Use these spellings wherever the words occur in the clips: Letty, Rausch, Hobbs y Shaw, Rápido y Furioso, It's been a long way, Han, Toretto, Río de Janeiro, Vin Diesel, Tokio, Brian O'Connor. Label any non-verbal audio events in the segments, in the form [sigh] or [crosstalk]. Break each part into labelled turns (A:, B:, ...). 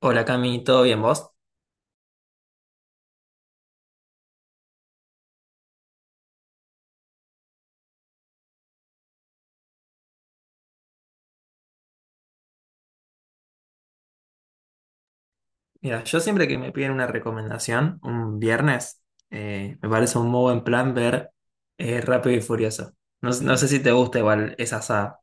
A: Hola Cami, ¿todo bien vos? Mira, yo siempre que me piden una recomendación, un viernes, me parece un muy buen plan ver Rápido y Furioso. No, no sé si te gusta igual esa saga.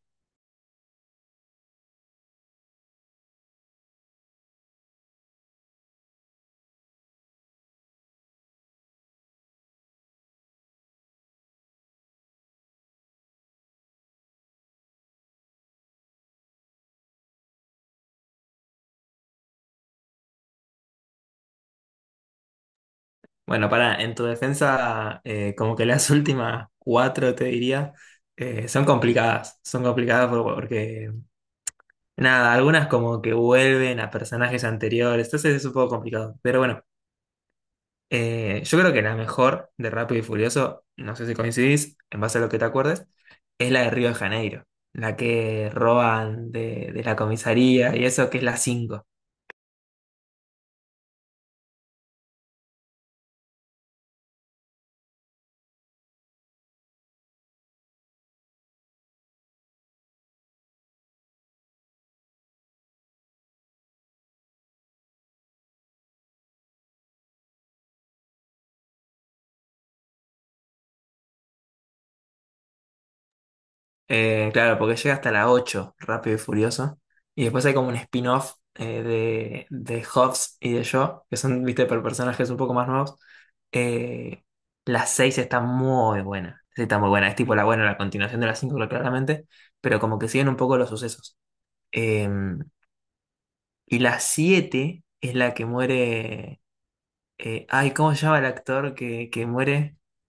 A: Bueno, para en tu defensa, como que las [laughs] últimas cuatro, te diría, son complicadas. Son complicadas porque, nada, algunas como que vuelven a personajes anteriores, entonces es un poco complicado. Pero bueno, yo creo que la mejor de Rápido y Furioso, no sé si coincidís, en base a lo que te acuerdes, es la de Río de Janeiro, la que roban de la comisaría y eso que es la cinco. Claro, porque llega hasta la 8 Rápido y Furioso. Y después hay como un spin-off de Hobbs y de Shaw, que son, viste, por personajes un poco más nuevos. Eh, la 6 está muy buena, sí, está muy buena, es tipo la buena, la continuación de la cinco, claro, claramente, pero como que siguen un poco los sucesos. Eh, Y la 7 es la que muere. Ay, ¿cómo se llama el actor que muere? [laughs]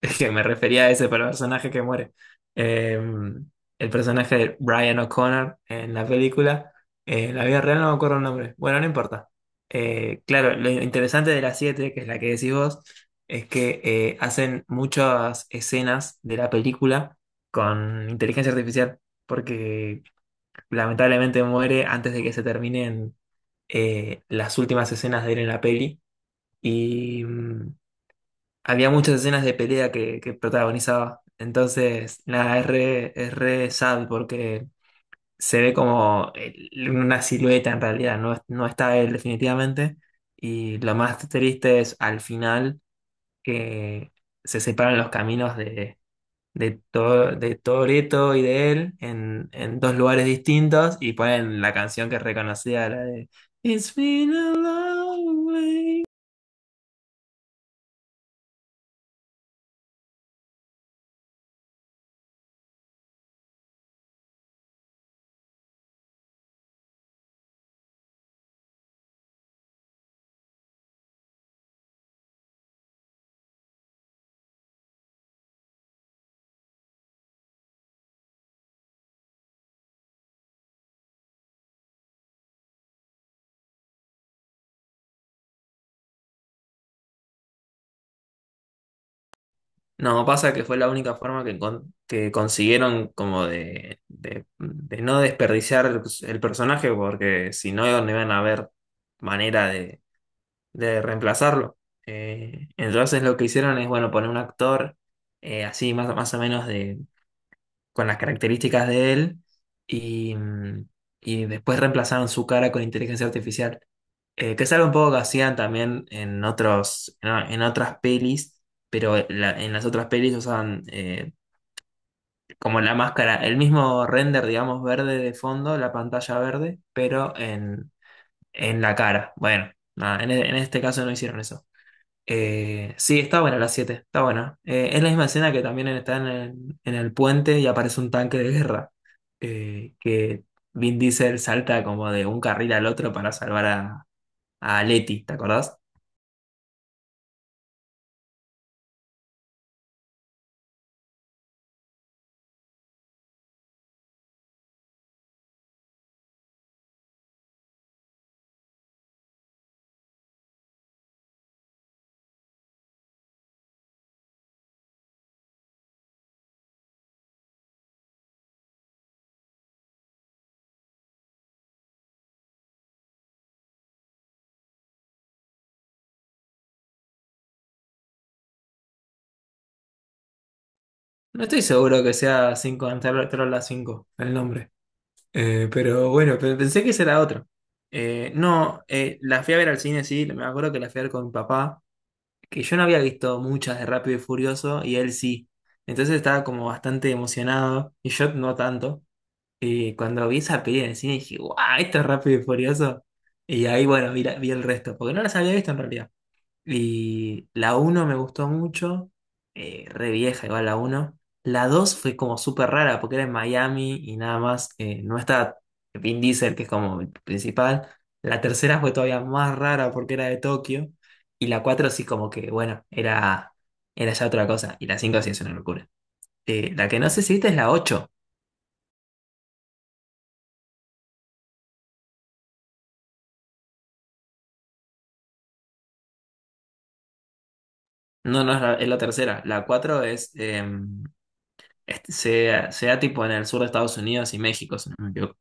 A: Es que me refería a ese personaje que muere. Eh, el personaje de Brian O'Connor en la película. En la vida real no me acuerdo el nombre. Bueno, no importa. Claro, lo interesante de la siete, que es la que decís vos, es que hacen muchas escenas de la película con inteligencia artificial. Porque lamentablemente muere antes de que se terminen las últimas escenas de él en la peli. Y había muchas escenas de pelea que protagonizaba. Entonces, nada, es re sad porque se ve como una silueta en realidad, no, no está él definitivamente. Y lo más triste es al final que se separan los caminos de Toretto y de él en dos lugares distintos y ponen la canción que es reconocida, la de It's been a long way. No, pasa que fue la única forma que consiguieron como de no desperdiciar el personaje porque si no, no iban a haber manera de reemplazarlo. Entonces lo que hicieron es, bueno, poner un actor así más o menos con las características de él y, mm, y después reemplazaron su cara con inteligencia artificial, que es algo un poco que hacían también en otros, en otras pelis, pero en las otras pelis usaban como la máscara, el mismo render, digamos, verde de fondo, la pantalla verde, pero en la cara. Bueno, nada, en este caso no hicieron eso. Sí, está buena la siete, está buena. Es la misma escena que también está en el puente y aparece un tanque de guerra, que Vin Diesel salta como de un carril al otro para salvar a Letty, ¿te acordás? No estoy seguro que sea 5 Troll la 5 el nombre. Pero bueno, pensé que ese era otro. No, la fui a ver al cine, sí, me acuerdo que la fui a ver con mi papá, que yo no había visto muchas de Rápido y Furioso y él sí. Entonces estaba como bastante emocionado y yo no tanto. Y cuando vi esa peli en el cine dije, ¡guau! Esto es Rápido y Furioso. Y ahí, bueno, vi el resto, porque no las había visto en realidad. Y la uno me gustó mucho, re vieja igual la uno. La 2 fue como súper rara porque era en Miami y nada más, no está Vin Diesel, que es como el principal. La tercera fue todavía más rara porque era de Tokio. Y la 4 sí como que, bueno, era ya otra cosa. Y la 5 sí es una locura. La que no sé si viste es la ocho. No, no es es la tercera. La 4 es, sea tipo en el sur de Estados Unidos y México, si no me equivoco.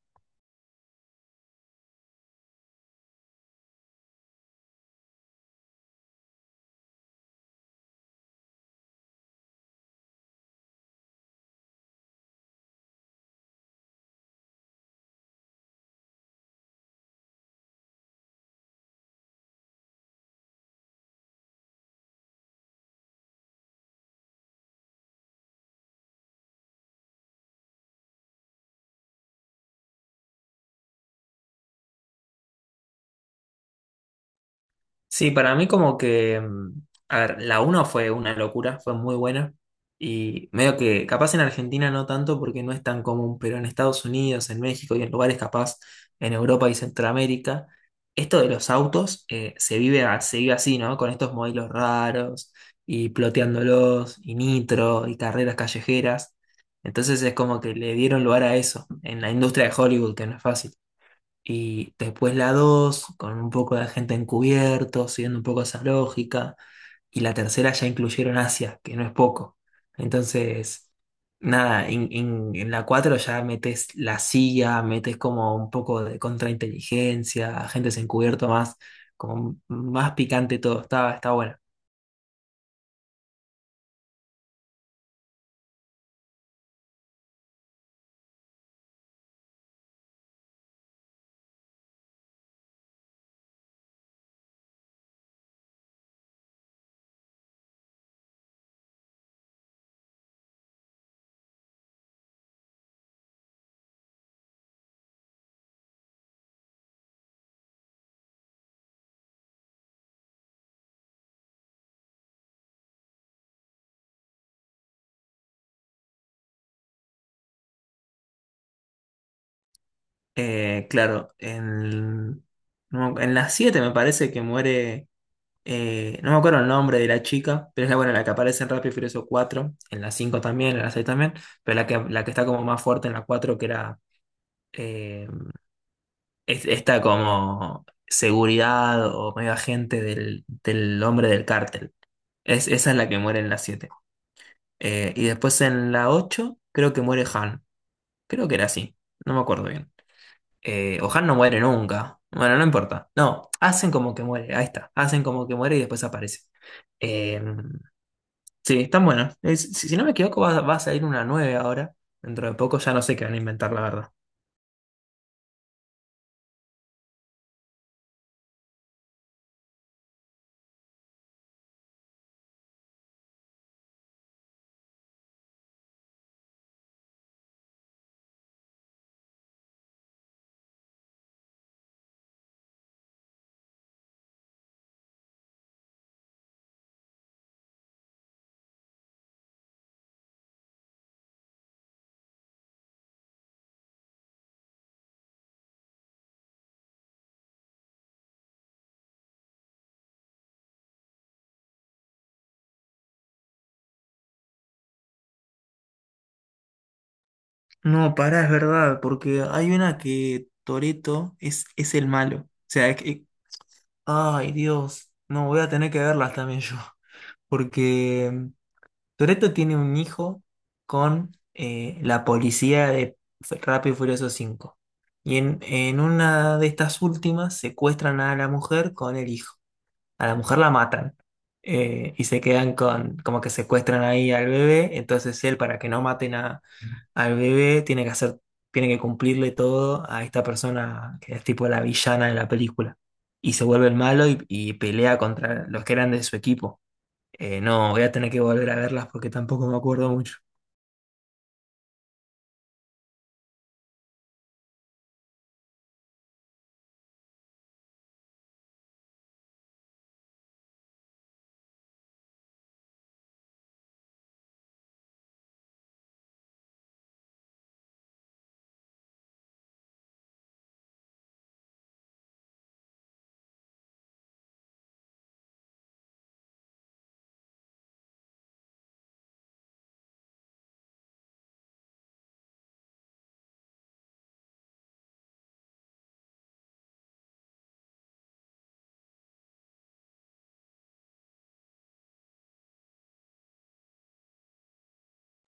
A: Sí, para mí como que, a ver, la uno fue una locura, fue muy buena. Y medio que, capaz en Argentina no tanto porque no es tan común, pero en Estados Unidos, en México y en lugares capaz, en Europa y Centroamérica, esto de los autos se vive, se vive así, ¿no? Con estos modelos raros y ploteándolos, y nitro, y carreras callejeras. Entonces es como que le dieron lugar a eso en la industria de Hollywood, que no es fácil. Y después la 2 con un poco de gente encubierto, siguiendo un poco esa lógica. Y la tercera ya incluyeron Asia, que no es poco. Entonces, nada, en la 4 ya metes la CIA, metes como un poco de contrainteligencia, agentes encubiertos más, como más picante todo. Está bueno. Claro, no, en la 7 me parece que muere. No me acuerdo el nombre de la chica, pero es la, bueno, la que aparece en Rápido y Furioso cuatro, en la 5 también, en la 6 también, pero la que está como más fuerte en la cuatro, que era eh, esta como seguridad o medio agente del hombre del cártel. Esa es la que muere en la siete. Y después en la 8 creo que muere Han. Creo que era así. No me acuerdo bien. O Han no muere nunca. Bueno, no importa. No, hacen como que muere. Ahí está. Hacen como que muere y después aparece. Eh, Sí, están buenas. Si no me equivoco, va a salir una 9 ahora. Dentro de poco ya no sé qué van a inventar, la verdad. No, pará, es verdad, porque hay una que Toretto es el malo. O sea, ay, Dios, no, voy a tener que verlas también yo. [laughs] Porque Toretto tiene un hijo con la policía de Rápido y Furioso cinco. Y en una de estas últimas secuestran a la mujer con el hijo. A la mujer la matan, y se quedan como que secuestran ahí al bebé, entonces él, para que no maten al bebé, tiene que cumplirle todo a esta persona que es tipo la villana de la película. Y se vuelve el malo y pelea contra los que eran de su equipo. No, voy a tener que volver a verlas porque tampoco me acuerdo mucho.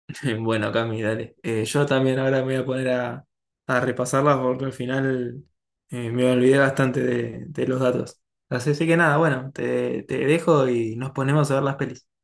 A: [laughs] Bueno, Cami, dale. Yo también ahora me voy a poner a repasarlas porque al final me olvidé bastante de los datos. Así que nada, bueno, te dejo y nos ponemos a ver las pelis.